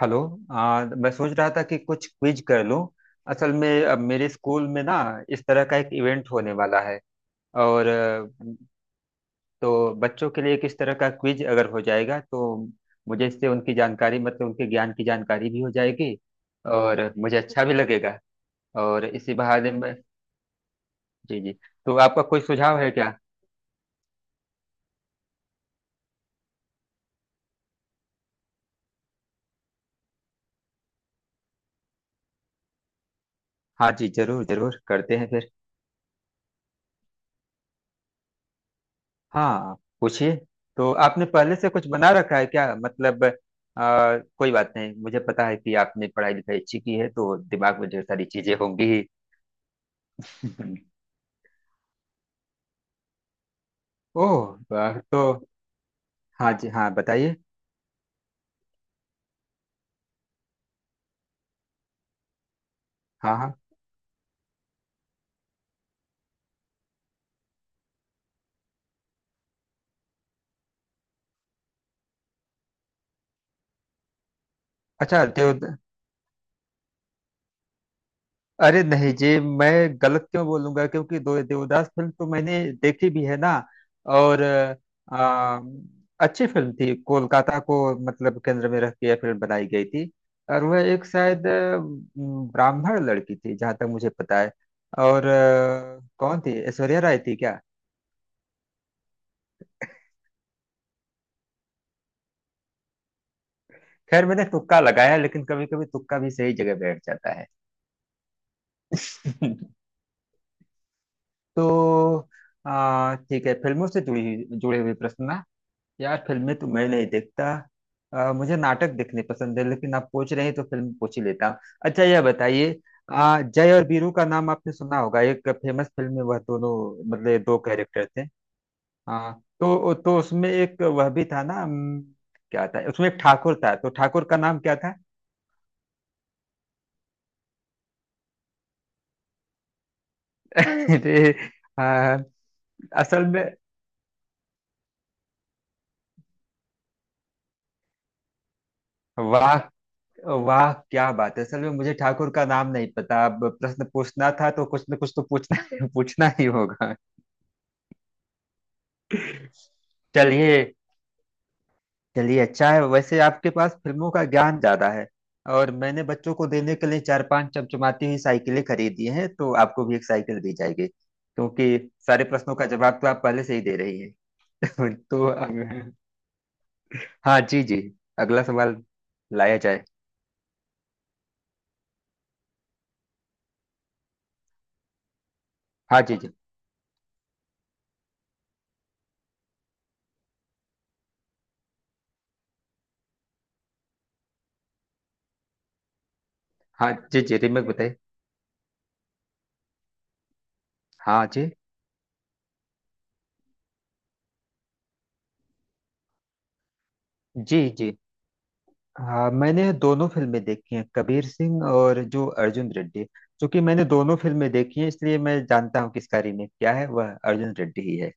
Hello. मैं सोच रहा था कि कुछ क्विज कर लूं। असल में अब मेरे स्कूल में ना, इस तरह का एक इवेंट होने वाला है। और अ, तो बच्चों के लिए किस तरह का क्विज अगर हो जाएगा तो मुझे इससे उनकी जानकारी, मतलब उनके ज्ञान की जानकारी भी हो जाएगी और मुझे अच्छा भी लगेगा और इसी बहाने में। जी जी। तो आपका कोई सुझाव है क्या? हाँ जी, जरूर जरूर करते हैं फिर। हाँ, पूछिए। तो आपने पहले से कुछ बना रखा है क्या? मतलब कोई बात नहीं, मुझे पता है कि आपने पढ़ाई लिखाई अच्छी की है तो दिमाग में ढेर सारी चीजें होंगी ही। ओह वाह, तो हाँ जी, हाँ बताइए। हाँ हाँ। अच्छा, देव। अरे नहीं जी, मैं गलत क्यों बोलूंगा क्योंकि दो देवदास फिल्म तो मैंने देखी भी है ना और आ, अच्छी फिल्म थी। कोलकाता को, मतलब केंद्र में रख के यह फिल्म बनाई गई थी और वह एक शायद ब्राह्मण लड़की थी जहाँ तक मुझे पता है। और कौन थी, ऐश्वर्या राय थी क्या? खैर मैंने तुक्का लगाया लेकिन कभी कभी तुक्का भी सही जगह बैठ जाता है। तो ठीक है। फिल्मों से जुड़े हुए प्रश्न ना, यार फिल्में तो मैं नहीं देखता। मुझे नाटक देखने पसंद है लेकिन आप पूछ रहे हैं तो फिल्म पूछ ही लेता हूँ। अच्छा, यह बताइए, जय और वीरू का नाम आपने सुना होगा, एक फेमस फिल्म में वह दोनों, मतलब ये दो कैरेक्टर थे। हाँ। तो उसमें एक वह भी था ना, क्या था उसमें, एक ठाकुर था, तो ठाकुर का नाम क्या था? अरे, अ, असल में वाह। वाह क्या बात है, असल में मुझे ठाकुर का नाम नहीं पता, अब प्रश्न पूछना था तो कुछ न कुछ तो पूछना पूछना ही होगा। चलिए चलिए, अच्छा है, वैसे आपके पास फिल्मों का ज्ञान ज्यादा है। और मैंने बच्चों को देने के लिए चार पांच चमचमाती हुई साइकिलें खरीदी हैं तो आपको भी एक साइकिल दी जाएगी क्योंकि सारे प्रश्नों का जवाब तो आप पहले से ही दे रही हैं। तो अब- हाँ जी जी, अगला सवाल लाया जाए। हाँ जी जी। हाँ जी जी, रिमेक बताइए। हाँ जी जी जी। हाँ मैंने दोनों फिल्में देखी हैं, कबीर सिंह और जो अर्जुन रेड्डी, क्योंकि मैंने दोनों फिल्में देखी हैं इसलिए मैं जानता हूँ किसका रीमेक क्या है, वह अर्जुन रेड्डी ही है।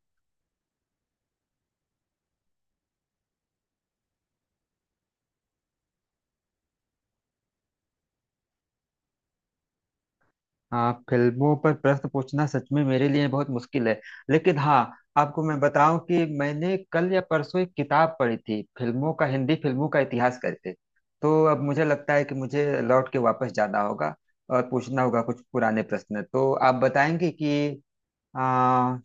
हाँ, फिल्मों पर प्रश्न पूछना सच में मेरे लिए बहुत मुश्किल है, लेकिन हाँ, आपको मैं बताऊं कि मैंने कल या परसों एक किताब पढ़ी थी, फिल्मों का, हिंदी फिल्मों का इतिहास करके। तो अब मुझे लगता है कि मुझे लौट के वापस जाना होगा और पूछना होगा कुछ पुराने प्रश्न, तो आप बताएंगे कि आ,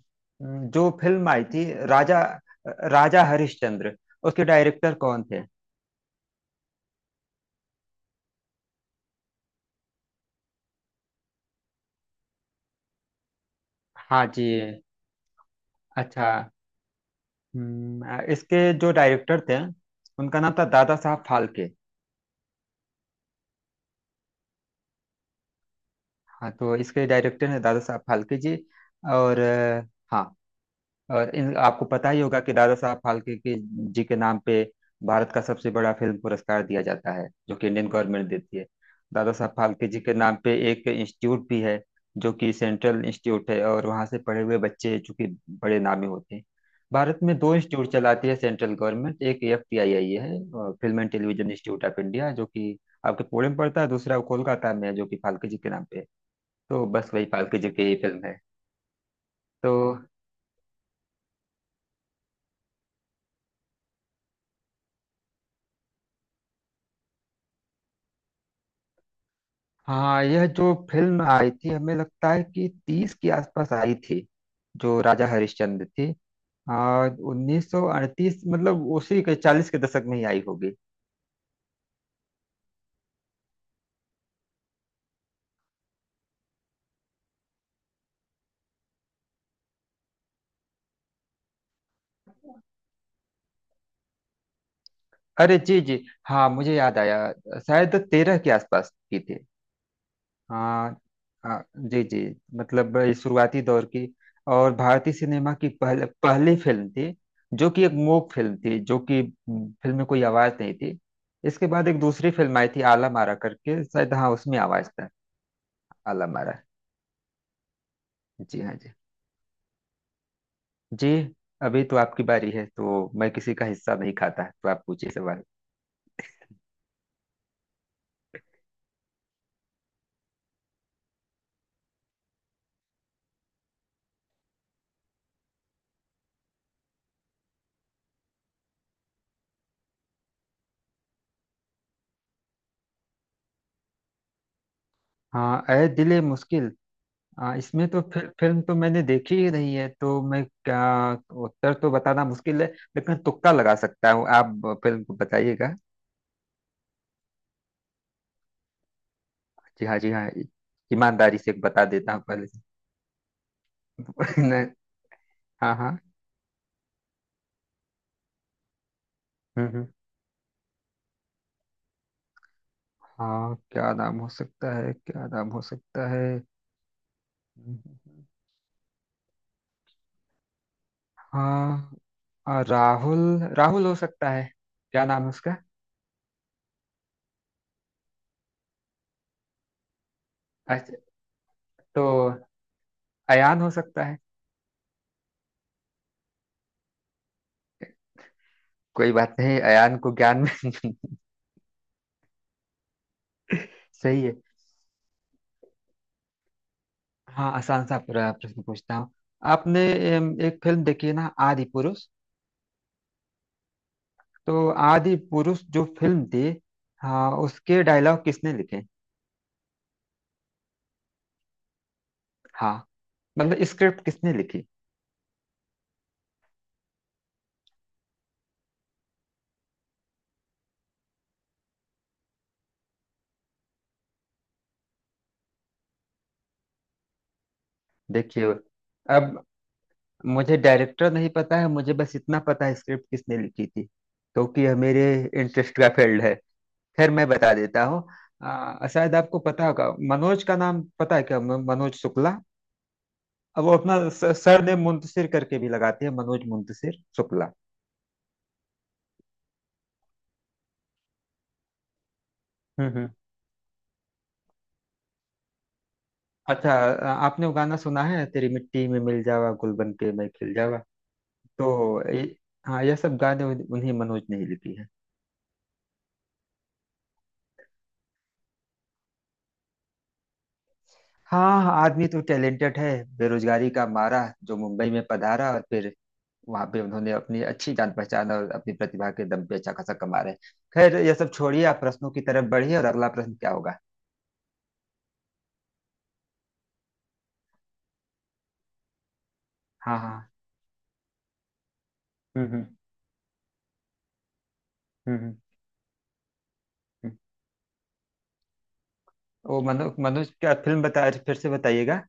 जो फिल्म आई थी, राजा राजा हरिश्चंद्र, उसके डायरेक्टर कौन थे? हाँ जी। अच्छा। हम्म, इसके जो डायरेक्टर थे, उनका नाम था दादा साहब फाल्के। हाँ, तो इसके डायरेक्टर हैं दादा साहब फाल्के जी, और हाँ, और इन, आपको पता ही होगा कि दादा साहब फाल्के के जी के नाम पे भारत का सबसे बड़ा फिल्म पुरस्कार दिया जाता है, जो कि इंडियन गवर्नमेंट देती है। दादा साहब फाल्के जी के नाम पे एक इंस्टीट्यूट भी है जो कि सेंट्रल इंस्टीट्यूट है, और वहाँ से पढ़े हुए बच्चे चूंकि बड़े नामी होते हैं। भारत में दो इंस्टीट्यूट चलाती है सेंट्रल गवर्नमेंट, एक FTII है, film and television institute of India, जो कि आपके पुणे में पड़ता है, दूसरा कोलकाता में है जो कि फाल्के जी के नाम पे है। तो बस वही पालतू जी की ही फिल्म है। तो हाँ, यह जो फिल्म आई थी, हमें लगता है कि तीस के आसपास आई थी, जो राजा हरिश्चंद्र थी। और 1938, मतलब उसी के चालीस के दशक में ही आई होगी। अरे जी जी, हाँ, मुझे याद आया, शायद तेरह के आसपास की थी। हाँ हाँ, जी जी, मतलब ये शुरुआती दौर की और भारतीय सिनेमा की पहले पहली फिल्म थी, जो कि एक मूक फिल्म थी, जो कि फिल्म में कोई आवाज नहीं थी। इसके बाद एक दूसरी फिल्म आई थी, आला मारा करके, शायद, हाँ उसमें आवाज था। आला मारा। जी हाँ जी जी। अभी तो आपकी बारी है, तो मैं किसी का हिस्सा नहीं खाता, तो आप पूछिए सवाल। हाँ, ए दिले मुश्किल, इसमें तो फिर फिल्म तो मैंने देखी ही नहीं है तो मैं क्या उत्तर तो बताना मुश्किल है, लेकिन तुक्का लगा सकता हूँ, आप फिल्म को बताइएगा। जी हाँ जी हाँ, ईमानदारी से बता देता हूँ पहले से। नहीं, हाँ हाँ। हम्म हम्म। हाँ क्या नाम हो सकता है, क्या नाम हो सकता है। हम्म, हाँ राहुल, राहुल हो सकता है, क्या नाम है उसका? अच्छा, तो अयान हो सकता है। कोई बात नहीं, अयान को ज्ञान में। सही है। हाँ, आसान सा पूरा प्रश्न पूछता हूँ। आपने एक फिल्म देखी है ना, आदि पुरुष? तो आदि पुरुष जो फिल्म थी, हाँ, उसके डायलॉग किसने लिखे, हाँ मतलब स्क्रिप्ट किसने लिखी? देखिए, अब मुझे डायरेक्टर नहीं पता है, मुझे बस इतना पता है स्क्रिप्ट किसने लिखी थी क्योंकि यह मेरे इंटरेस्ट का फील्ड है। खैर मैं बता देता हूँ, शायद आपको पता होगा, मनोज का नाम पता है क्या? मनोज शुक्ला। अब वो अपना सरनेम मुंतशिर करके भी लगाते हैं, मनोज मुंतशिर शुक्ला। हम्म हम्म। अच्छा, आपने वो गाना सुना है, तेरी मिट्टी में मिल जावा, गुल बन के मैं खिल जावा? तो ये, हाँ, यह सब गाने उन्हीं मनोज ने ही लिखी है। हाँ हाँ, आदमी तो टैलेंटेड है। बेरोजगारी का मारा जो मुंबई में पधारा और फिर वहां पे उन्होंने अपनी अच्छी जान पहचान और अपनी प्रतिभा के दम पे अच्छा खासा कमा रहे हैं। खैर यह सब छोड़िए, आप प्रश्नों की तरफ बढ़िए और अगला प्रश्न क्या होगा? हाँ हाँ। हम्म। हम्म हम्म, हम्म। वो मनोज, मनोज क्या फिल्म, बता फिर से बताइएगा।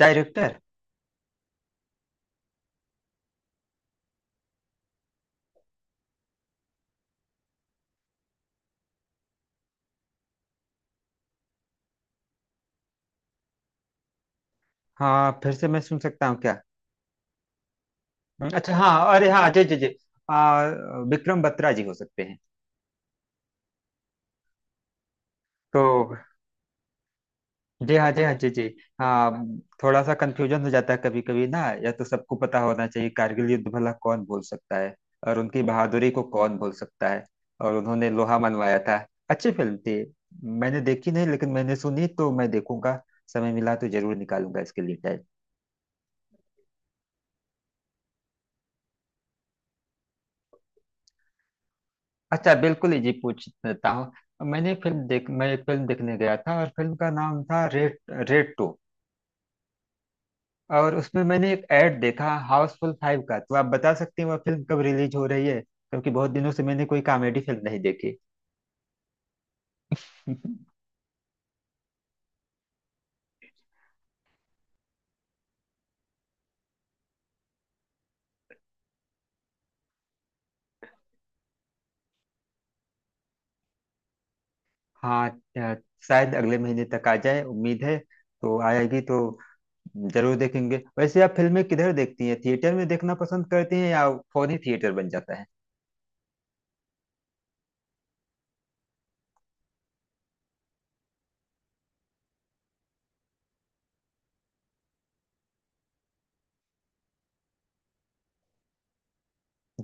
डायरेक्टर? हाँ फिर से मैं सुन सकता हूँ क्या? अच्छा हाँ, अरे हाँ जी जी जी। आ, विक्रम बत्रा जी हो सकते हैं। तो जी हाँ जी हाँ जी जी हाँ, थोड़ा सा कंफ्यूजन हो जाता है कभी कभी ना, या तो सबको पता होना चाहिए, कारगिल युद्ध भला कौन भूल सकता है, और उनकी बहादुरी को कौन भूल सकता है, और उन्होंने लोहा मनवाया था। अच्छी फिल्म थी, मैंने देखी नहीं लेकिन मैंने सुनी तो मैं देखूंगा, समय मिला तो जरूर निकालूंगा इसके लिए टाइम। अच्छा बिल्कुल ही जी, पूछता हूँ। मैं एक फिल्म देखने गया था और फिल्म का नाम था रेड, रेड 2। और उसमें मैंने एक ऐड देखा हाउसफुल 5 का, तो आप बता सकते हैं वह फिल्म कब रिलीज हो रही है? क्योंकि बहुत दिनों से मैंने कोई कॉमेडी फिल्म नहीं देखी। हाँ, अ, शायद अगले महीने तक आ जाए, उम्मीद है। तो आएगी तो जरूर देखेंगे। वैसे आप फिल्में किधर देखती हैं, थिएटर में देखना पसंद करती हैं या फोन ही थिएटर बन जाता है?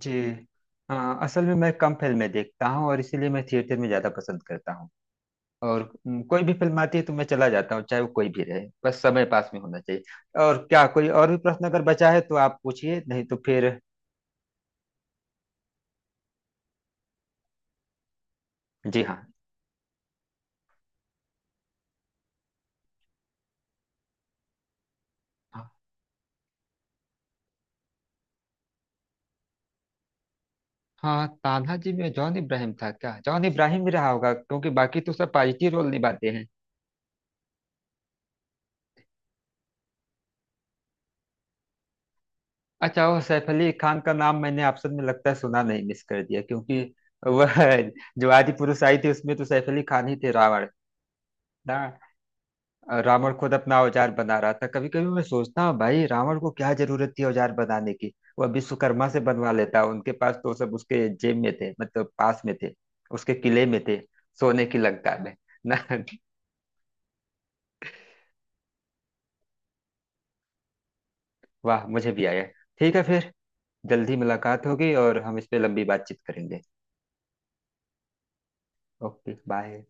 जी, अ, असल में मैं कम फिल्में देखता हूँ और इसीलिए मैं थिएटर में ज्यादा पसंद करता हूँ। और कोई भी फिल्म आती है तो मैं चला जाता हूँ, चाहे वो कोई भी रहे। बस समय पास में होना चाहिए। और क्या कोई और भी प्रश्न अगर बचा है तो आप पूछिए, नहीं तो फिर। जी हाँ। हाँ, तान्हाजी में जॉन इब्राहिम था क्या, जॉन इब्राहिम ही रहा होगा क्योंकि बाकी तो सब पॉजिटिव रोल निभाते हैं। अच्छा, वो सैफ अली खान का नाम मैंने ऑप्शन में लगता है सुना नहीं, मिस कर दिया, क्योंकि वह जो आदि पुरुष आई थी उसमें तो सैफ अली खान ही थे, रावण ना। रावण खुद अपना औजार बना रहा था, कभी कभी मैं सोचता हूँ भाई रावण को क्या जरूरत थी औजार बनाने की, वह विश्वकर्मा से बनवा लेता, उनके पास तो सब उसके जेब में थे, मतलब पास में थे, उसके किले में थे, सोने की लंका में। ना। वाह, मुझे भी आया। ठीक है फिर, जल्दी मुलाकात होगी और हम इस पे लंबी बातचीत करेंगे। Okay bye.